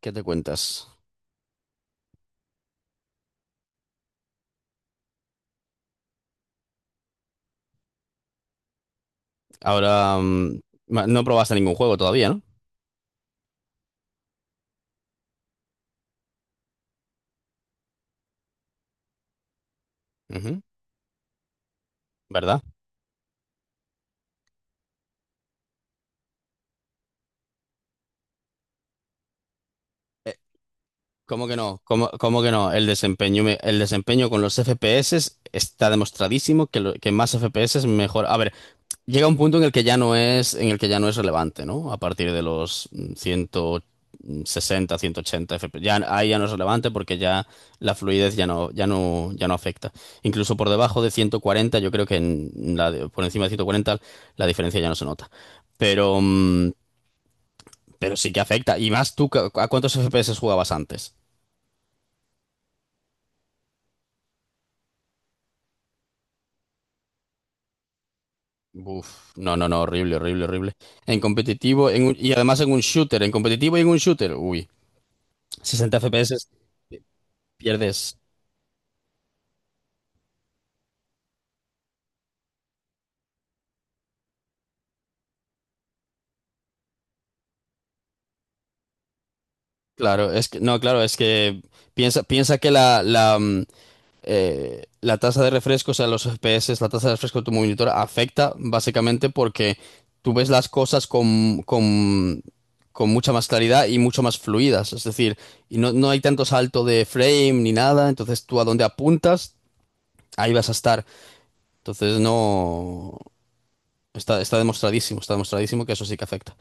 ¿Qué te cuentas? Ahora, no probaste ningún juego todavía, ¿no? Ujú. ¿Verdad? Eh, ¿Cómo que no? ¿Cómo que no? El desempeño, el desempeño con los FPS está demostradísimo que, que más FPS es mejor. A ver, llega un punto en el que ya no es, en el que ya no es relevante, ¿no? A partir de los 160, 180 FPS. Ya, ahí ya no es relevante porque ya la fluidez ya no afecta. Incluso por debajo de 140, yo creo que en por encima de 140 la diferencia ya no se nota. Pero, mm, pero sí que afecta. Y más tú, ¿a cuántos FPS jugabas antes? Uf, no, no, no, horrible, horrible, horrible. En competitivo, y además en un shooter, en competitivo y en un shooter, uy, 60 FPS pierdes. Claro, es que, no, claro, es que piensa que la tasa de refresco, o sea, los FPS, la tasa de refresco de tu monitor afecta básicamente porque tú ves las cosas con mucha más claridad y mucho más fluidas. Es decir, y no hay tanto salto de frame ni nada, entonces tú a donde apuntas, ahí vas a estar. Entonces no. Está demostradísimo que eso sí que afecta.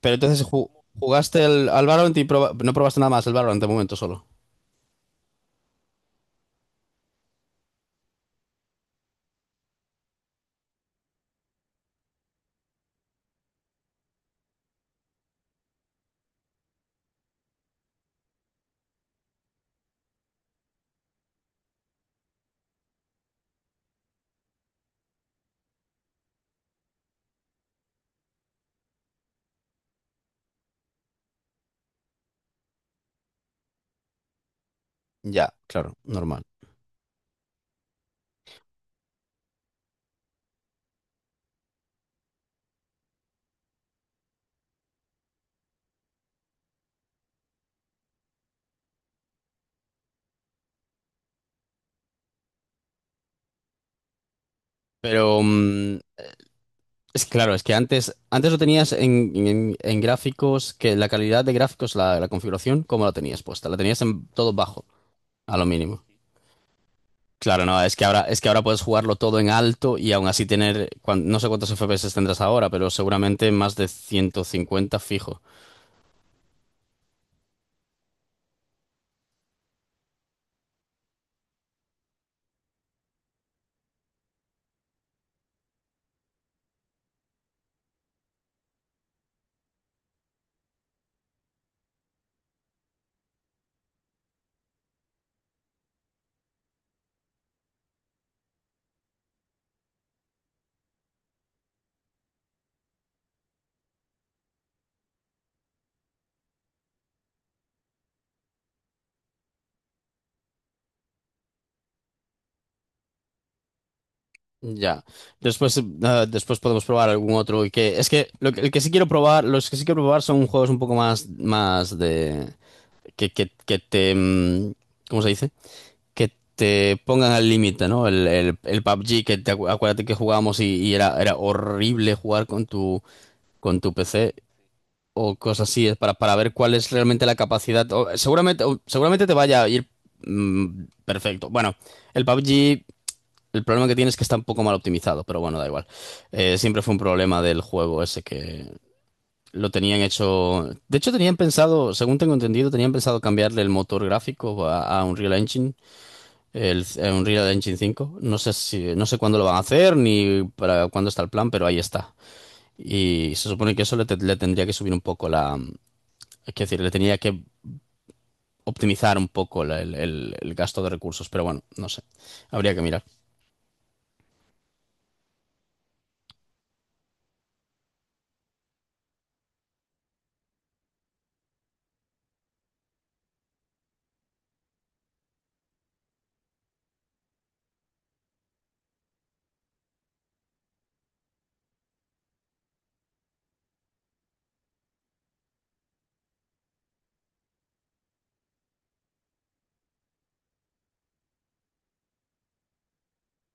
Pero entonces, ¿jugaste al Valorant y no probaste nada más el Valorant de momento solo? Ya, claro, normal. Pero mm, es que, claro, es que antes lo tenías en, en gráficos, que la calidad de gráficos, la configuración, ¿cómo la tenías puesta? La tenías en todo bajo, a lo mínimo. Claro, no, es que ahora puedes jugarlo todo en alto y aún así tener, no sé cuántos FPS tendrás ahora, pero seguramente más de 150 fijo. Ya. Después podemos probar algún otro. Y que, es que, el que sí quiero probar, los que sí quiero probar son juegos un poco más, más de. Que te, ¿cómo se dice? Que te pongan al límite, ¿no? El PUBG, que te acuérdate que jugábamos y, era, horrible jugar con tu PC o cosas así, es para ver cuál es realmente la capacidad. Seguramente te vaya a ir perfecto. Bueno, el PUBG, el problema que tiene es que está un poco mal optimizado, pero bueno, da igual. Siempre fue un problema del juego ese que, lo tenían hecho. De hecho, tenían pensado, según tengo entendido, tenían pensado cambiarle el motor gráfico a Unreal Engine, a Unreal Engine 5. No sé cuándo lo van a hacer ni para cuándo está el plan, pero ahí está. Y se supone que eso le tendría que subir un poco la. Es decir, le tenía que optimizar un poco el gasto de recursos, pero bueno, no sé. Habría que mirar.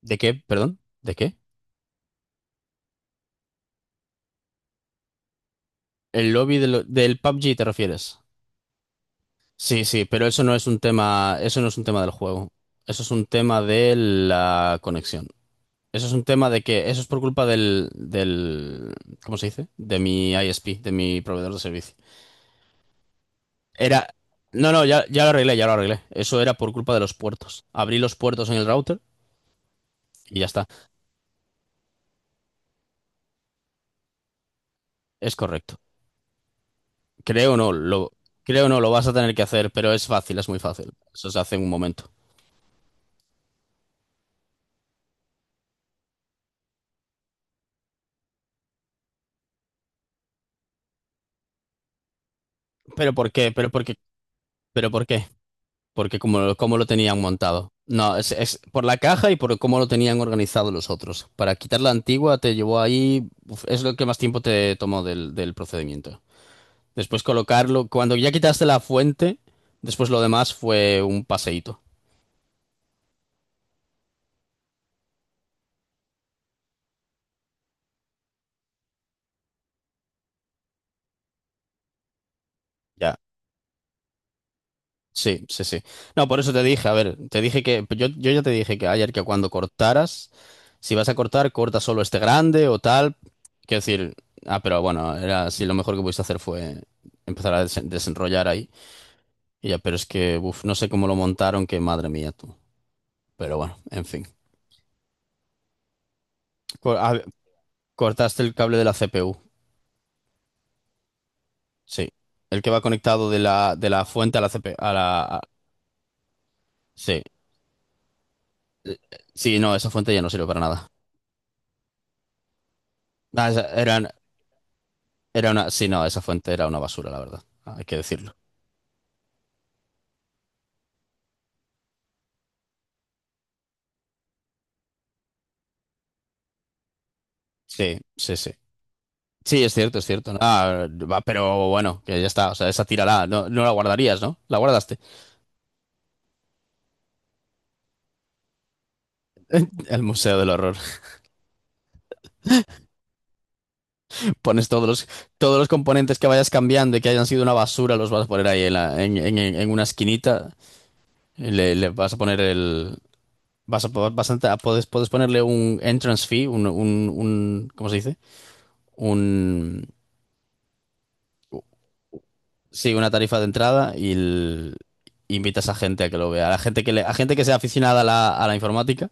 ¿De qué? Perdón, ¿de qué? ¿El lobby del PUBG te refieres? Sí, sí, pero eso no es un tema, eso no es un tema del juego. Eso es un tema de la conexión. Eso es un tema de que eso es por culpa del, ¿cómo se dice? De mi ISP, de mi proveedor de servicio. Era, no, no, ya lo arreglé, ya lo arreglé. Eso era por culpa de los puertos. Abrí los puertos en el router y ya está. Es correcto. Creo no, lo, creo no, lo vas a tener que hacer, pero es fácil, es muy fácil. Eso se hace en un momento. ¿Pero por qué? ¿Pero por qué? ¿Pero por qué? Porque como lo tenían montado. No, es por la caja y por cómo lo tenían organizado los otros. Para quitar la antigua te llevó ahí, uf, es lo que más tiempo te tomó del procedimiento. Después colocarlo, cuando ya quitaste la fuente, después lo demás fue un paseíto. Ya. Sí, sí, sí. No, por eso te dije, a ver, te dije que, yo ya te dije que ayer que cuando cortaras, si vas a cortar, corta solo este grande o tal. Quiero decir, pero bueno, era así, lo mejor que pudiste hacer fue empezar a desenrollar ahí. Ya, pero es que, uf, no sé cómo lo montaron, que madre mía tú. Pero bueno, en fin. Co- a- Cortaste el cable de la CPU. Sí. El que va conectado de la fuente a la CPU. Sí. Eh, Sí, no, esa fuente ya no sirve para nada. Ah, sí, no, esa fuente era una basura, la verdad. Hay que decirlo. Sí, sí, sí. Sí, es cierto, es cierto. ¿No? Ah, va, pero bueno, que ya está. O sea, esa tírala. No, no la guardarías, ¿no? La guardaste. El Museo del Horror. Pones todos los componentes que vayas cambiando y que hayan sido una basura, los vas a poner ahí en, la- en una esquinita. Y le vas a poner el. Vas a, po- vas a- Puedes ponerle un entrance fee, un, ¿cómo se dice? Un. Sí, una tarifa de entrada invitas a gente a que lo vea. A la gente que sea aficionada a la informática,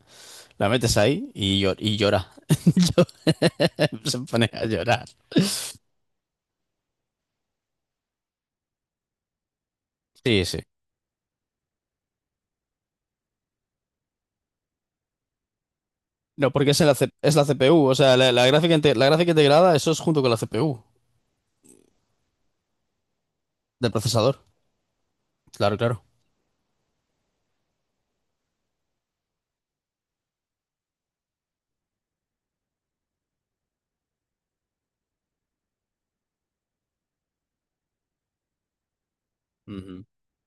la metes ahí y llora. Se pone a llorar. Sí, sí. No, porque es la CPU, o sea, la gráfica, la gráfica integrada, eso es junto con la CPU del procesador. Claro, claro. Ujú.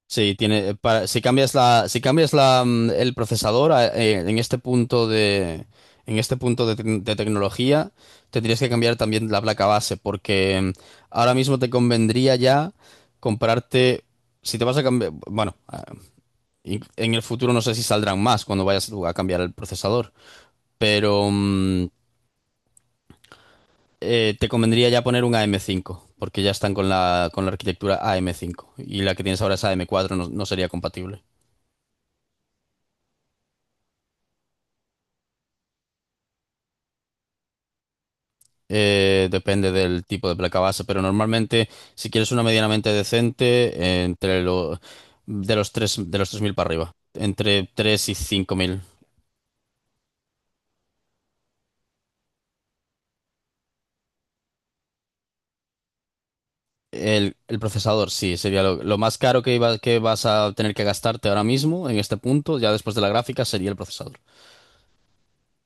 Sí, tiene, para, si cambias la, si cambias la, mm, el procesador en este punto de, en este punto de, tec- de tecnología, tendrías que cambiar también la placa base, porque ahora mismo te convendría ya comprarte, si te vas a cambiar, bueno, en el futuro no sé si saldrán más cuando vayas tú a cambiar el procesador, pero te convendría ya poner un AM5, porque ya están con la arquitectura AM5 y la que tienes ahora es AM4, no, no sería compatible. Depende del tipo de placa base, pero normalmente si quieres una medianamente decente, entre lo, de los 3 de los 3000 para arriba, entre 3 y 5000. El procesador, sí, sería lo más caro que vas a tener que gastarte ahora mismo en este punto, ya después de la gráfica, sería el procesador,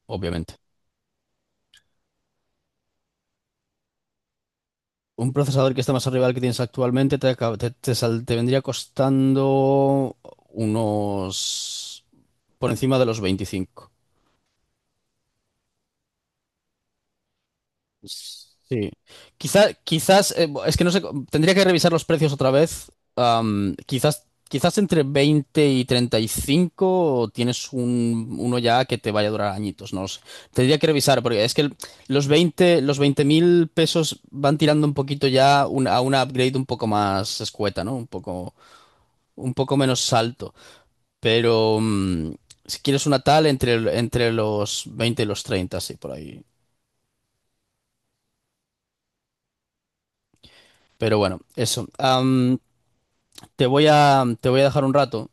obviamente. Un procesador que esté más arriba del que tienes actualmente te, acab- te sal- te vendría costando unos por encima de los 25. Sí. Es que no sé, tendría que revisar los precios otra vez. Quizás entre 20 y 35 tienes uno ya que te vaya a durar añitos, no lo sé. Tendría que revisar, porque es que los veinte mil pesos van tirando un poquito ya a una upgrade un poco más escueta, ¿no? Un poco menos alto, pero si quieres una tal entre los 20 y los 30 sí, por ahí. Pero bueno, eso. Te voy a dejar un rato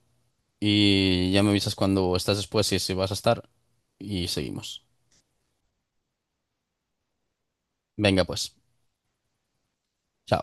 y ya me avisas cuando estás después y si vas a estar y seguimos. Venga, pues. Chao.